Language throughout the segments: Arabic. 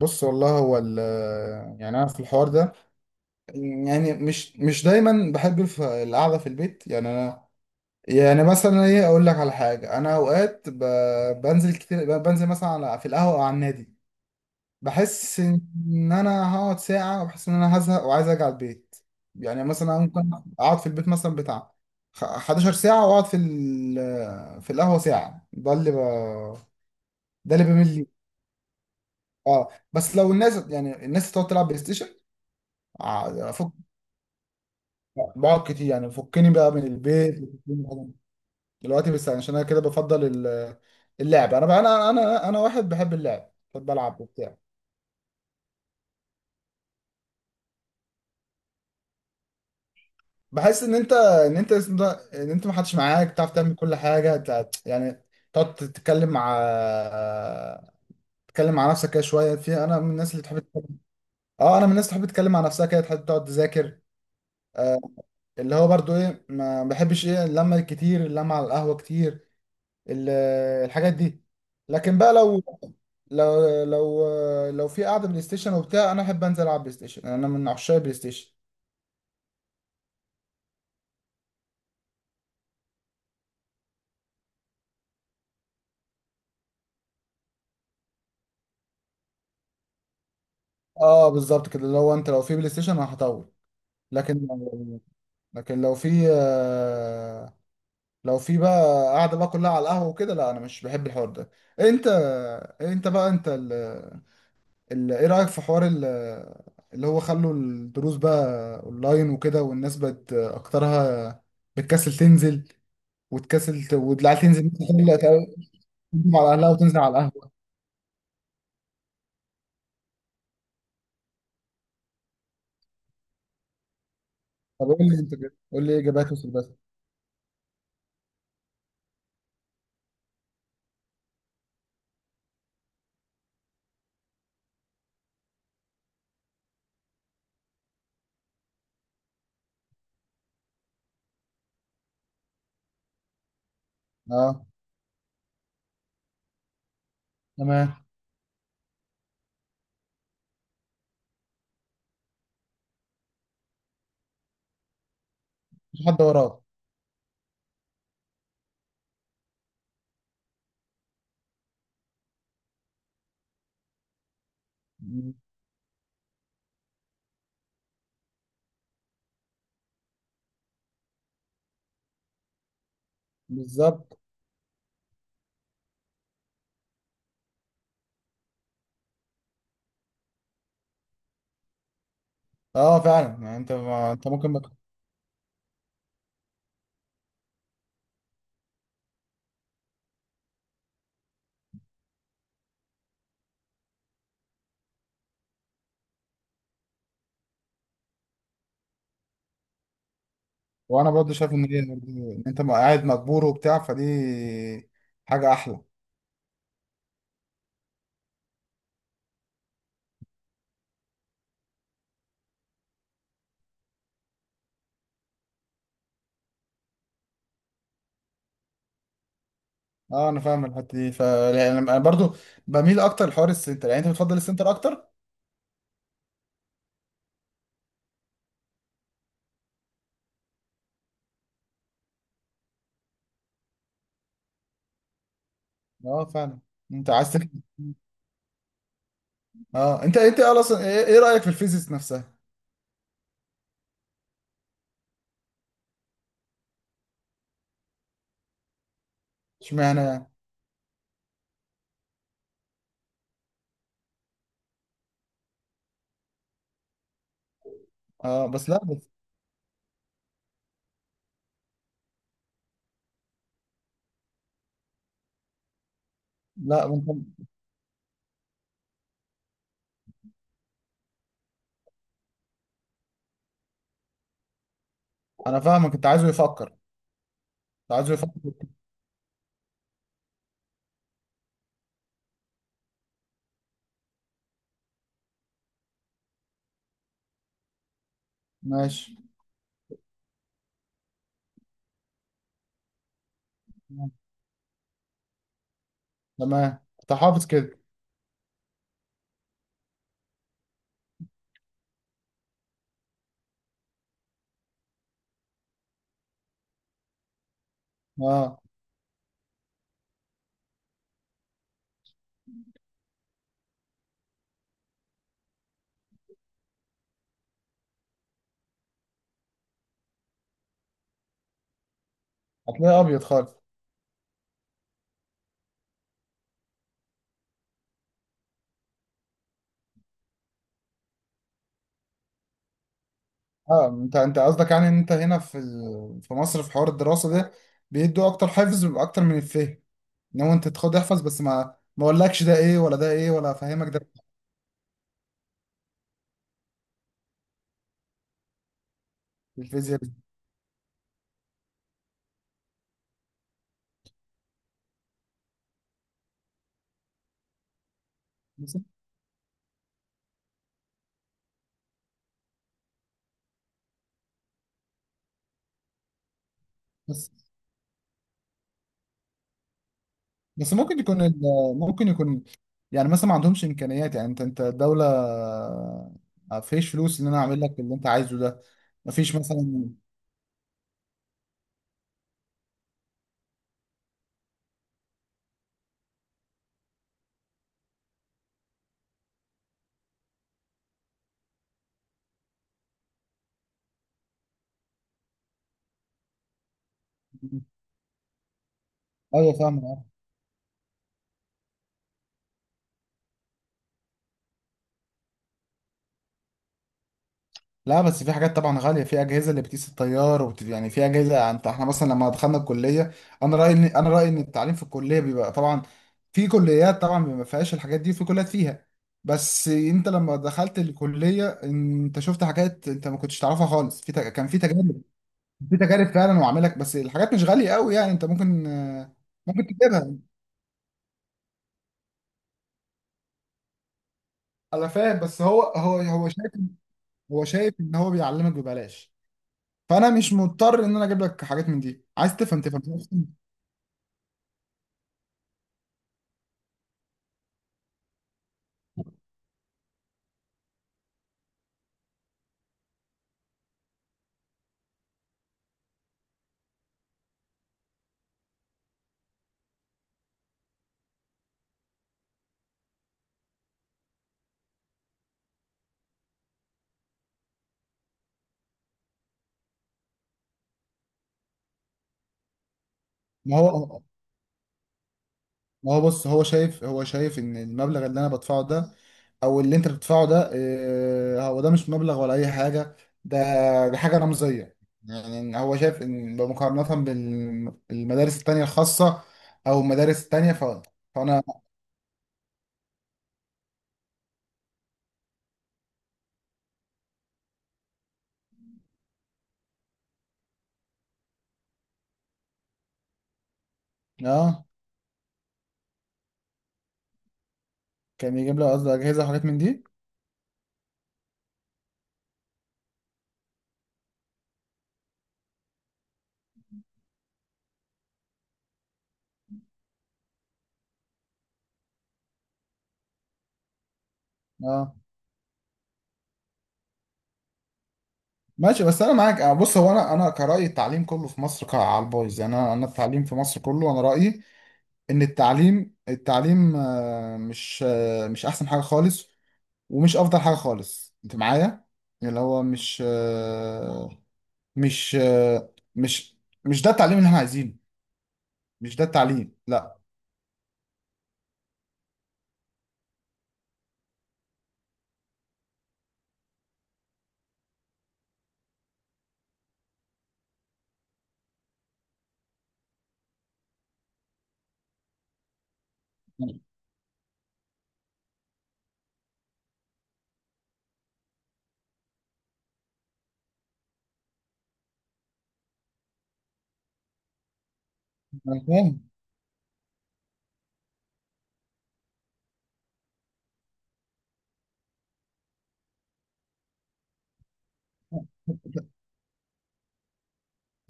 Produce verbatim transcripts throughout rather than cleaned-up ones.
بص والله، هو ال- يعني انا في الحوار ده، يعني مش مش دايما بحب الف- القعده في البيت. يعني انا، يعني مثلا ايه، اقول لك على حاجه. انا اوقات ب... بنزل كتير، بنزل مثلا على في القهوه او على النادي. بحس ان انا هقعد ساعه، وبحس ان انا هزهق وعايز ارجع البيت. يعني مثلا ممكن اقعد في البيت مثلا بتاع خ- 11 ساعه، واقعد في ال... في القهوه ساعه. ده اللي ب... ده اللي بمل ليه. اه، بس لو الناس، يعني الناس تقعد تلعب بلاي ستيشن، افك. بقعد كتير، يعني فكني بقى من البيت، فكني بقى- دلوقتي. بس عشان انا كده، بفضل ال- اللعب. انا بقى، انا انا انا واحد بحب اللعب، بحب العب وبتاع. بحس ان انت، ان انت اسمه ده، ان انت ما حدش معاك تعرف تعمل كل حاجه تع- يعني، تقعد تتكلم مع تتكلم مع نفسك كده شويه. في انا من الناس اللي تحب، اه انا من الناس اللي تحب تتكلم مع نفسها كده، تحب تقعد تذاكر. آه اللي هو برضو ايه، ما بحبش ايه اللمه الكتير، اللمه على القهوه كتير، ال- الحاجات دي. لكن بقى، لو لو لو لو في قعده بلاي ستيشن وبتاع، انا احب انزل العب بلاي ستيشن. انا من عشاق بلاي ستيشن. اه بالظبط كده، لو انت، لو في بلاي ستيشن انا هطول. لكن لكن لو في لو في بقى قاعده بقى كلها على القهوه وكده، لا، انا مش بحب الحوار ده. انت، انت بقى انت ال... ال... ايه رايك في حوار ال... اللي هو خلوا الدروس بقى اونلاين وكده، والناس بقت اكترها بتكسل تنزل، وتكسل ت... والعيال تنزل مثلا، تقول- تقدم على اهلها وتنزل على القهوه. طب قول لي انت كده، قول لي ايه اجابات وصل بس. اه، تمام. مفيش حد وراك. مم. بالظبط. اه فعلا، يعني انت ما... انت ممكن ما... وانا برضه شايف ان هي ان انت قاعد مجبور وبتاع، فدي حاجه احلى. اه انا فاهم الحته دي، ف يعني انا برضه بميل اكتر لحوار السنتر. يعني انت بتفضل السنتر اكتر. اه فعلا. انت عايز تك... اه، انت انت اصلا ايه، إيه رايك في الفيزيكس نفسها؟ اشمعنى يعني؟ اه، بس، لا بس. لا انت- انا فاهمك. انت عايزه يفكر، انت عايزه يفكر. ماشي. تمام، انت حافظ كده. اه. هتلاقي ابيض خالص. اه، انت انت قصدك يعني ان انت هنا في ال- في مصر، في حوار الدراسه ده بيدوا اكتر، حفظ اكتر من الفهم. ان هو انت تاخد احفظ بس، ما ما اقولكش ده ايه ولا ده ايه ولا افهمك ده. في الفيزياء بس. بس بس ممكن يكون ال- ممكن يكون، يعني مثلا ما عندهمش امكانيات. يعني انت، انت الدوله ما فيش فلوس ان انا اعمل لك اللي انت عايزه ده، ما فيش مثلا. ايوه، فاهم. لا، بس في حاجات طبعا غاليه، في اجهزه اللي بتقيس التيار وبت... يعني في اجهزه. يعني انت، احنا مثلا لما دخلنا الكليه، انا رايي، ان انا رايي ان التعليم في الكليه بيبقى طبعا، في كليات طبعا ما فيهاش الحاجات دي، وفي كليات فيها. بس انت لما دخلت الكليه، انت شفت حاجات انت ما كنتش تعرفها خالص. في ت... كان في تجارب، في تجارب فعلا وعاملك. بس الحاجات مش غاليه قوي، يعني انت ممكن آه، ممكن تجيبها. انا فاهم، بس هو، هو هو شايف، هو شايف ان هو بيعلمك ببلاش، فانا مش مضطر ان انا اجيب لك حاجات من دي، عايز تفهم تفهم. ما هو ما هو بص، هو شايف هو شايف ان المبلغ اللي انا بدفعه ده، او اللي انت بتدفعه ده، آه، هو ده مش مبلغ ولا اي حاجه. ده ده حاجه رمزيه. يعني إن هو شايف ان بمقارنه بالمدارس التانيه الخاصه، او المدارس التانيه ف... فانا اه، كان يجيب لي قصدي اجهزه وحاجات من دي. اه ماشي، بس انا معاك. آه، بص، هو انا انا كرايي التعليم كله في مصر ك- على البايظ. يعني انا انا التعليم في مصر كله، انا رايي ان التعليم، التعليم آه، مش، آه، مش احسن حاجه خالص، ومش افضل حاجه خالص، انت معايا. اللي هو مش، آه، مش آه، مش مش ده التعليم اللي احنا عايزينه، مش ده التعليم، لا. أنا فاهم.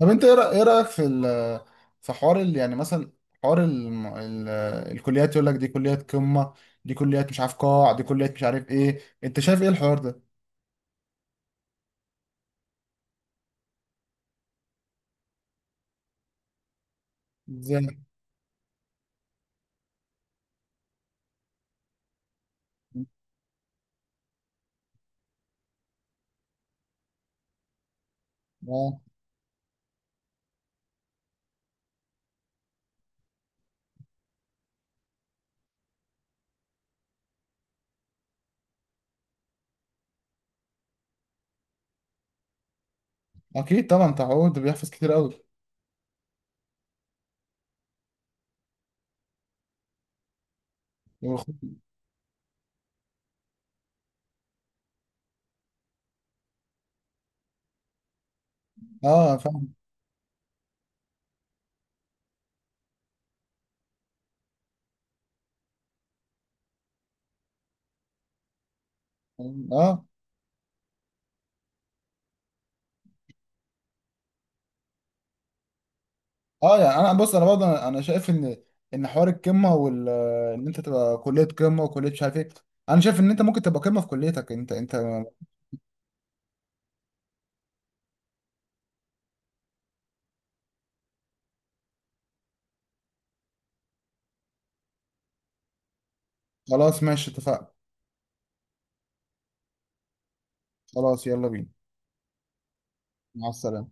طب انت ايه، رأ- إيه رايك في ال- في حوار ال- يعني مثلا، حوار ال ال الكليات يقول لك دي كليات قمه، دي كليات مش عارف قاع، دي كليات مش عارف ايه. انت شايف ايه الحوار ده؟ ازاي؟ اه، اكيد طبعا، تعود بيحفظ كتير قوي. وخ- اه فاهم. اه، اه، يعني انا، بص، انا برضه انا أنا شايف ان، ان حوار القمه وال ان انت تبقى كليه قمه وكليه مش عارف ايه، انا شايف ان انت ممكن تبقى قمه في كليتك انت انت. خلاص ماشي، اتفقنا. خلاص، يلا بينا. مع السلامه.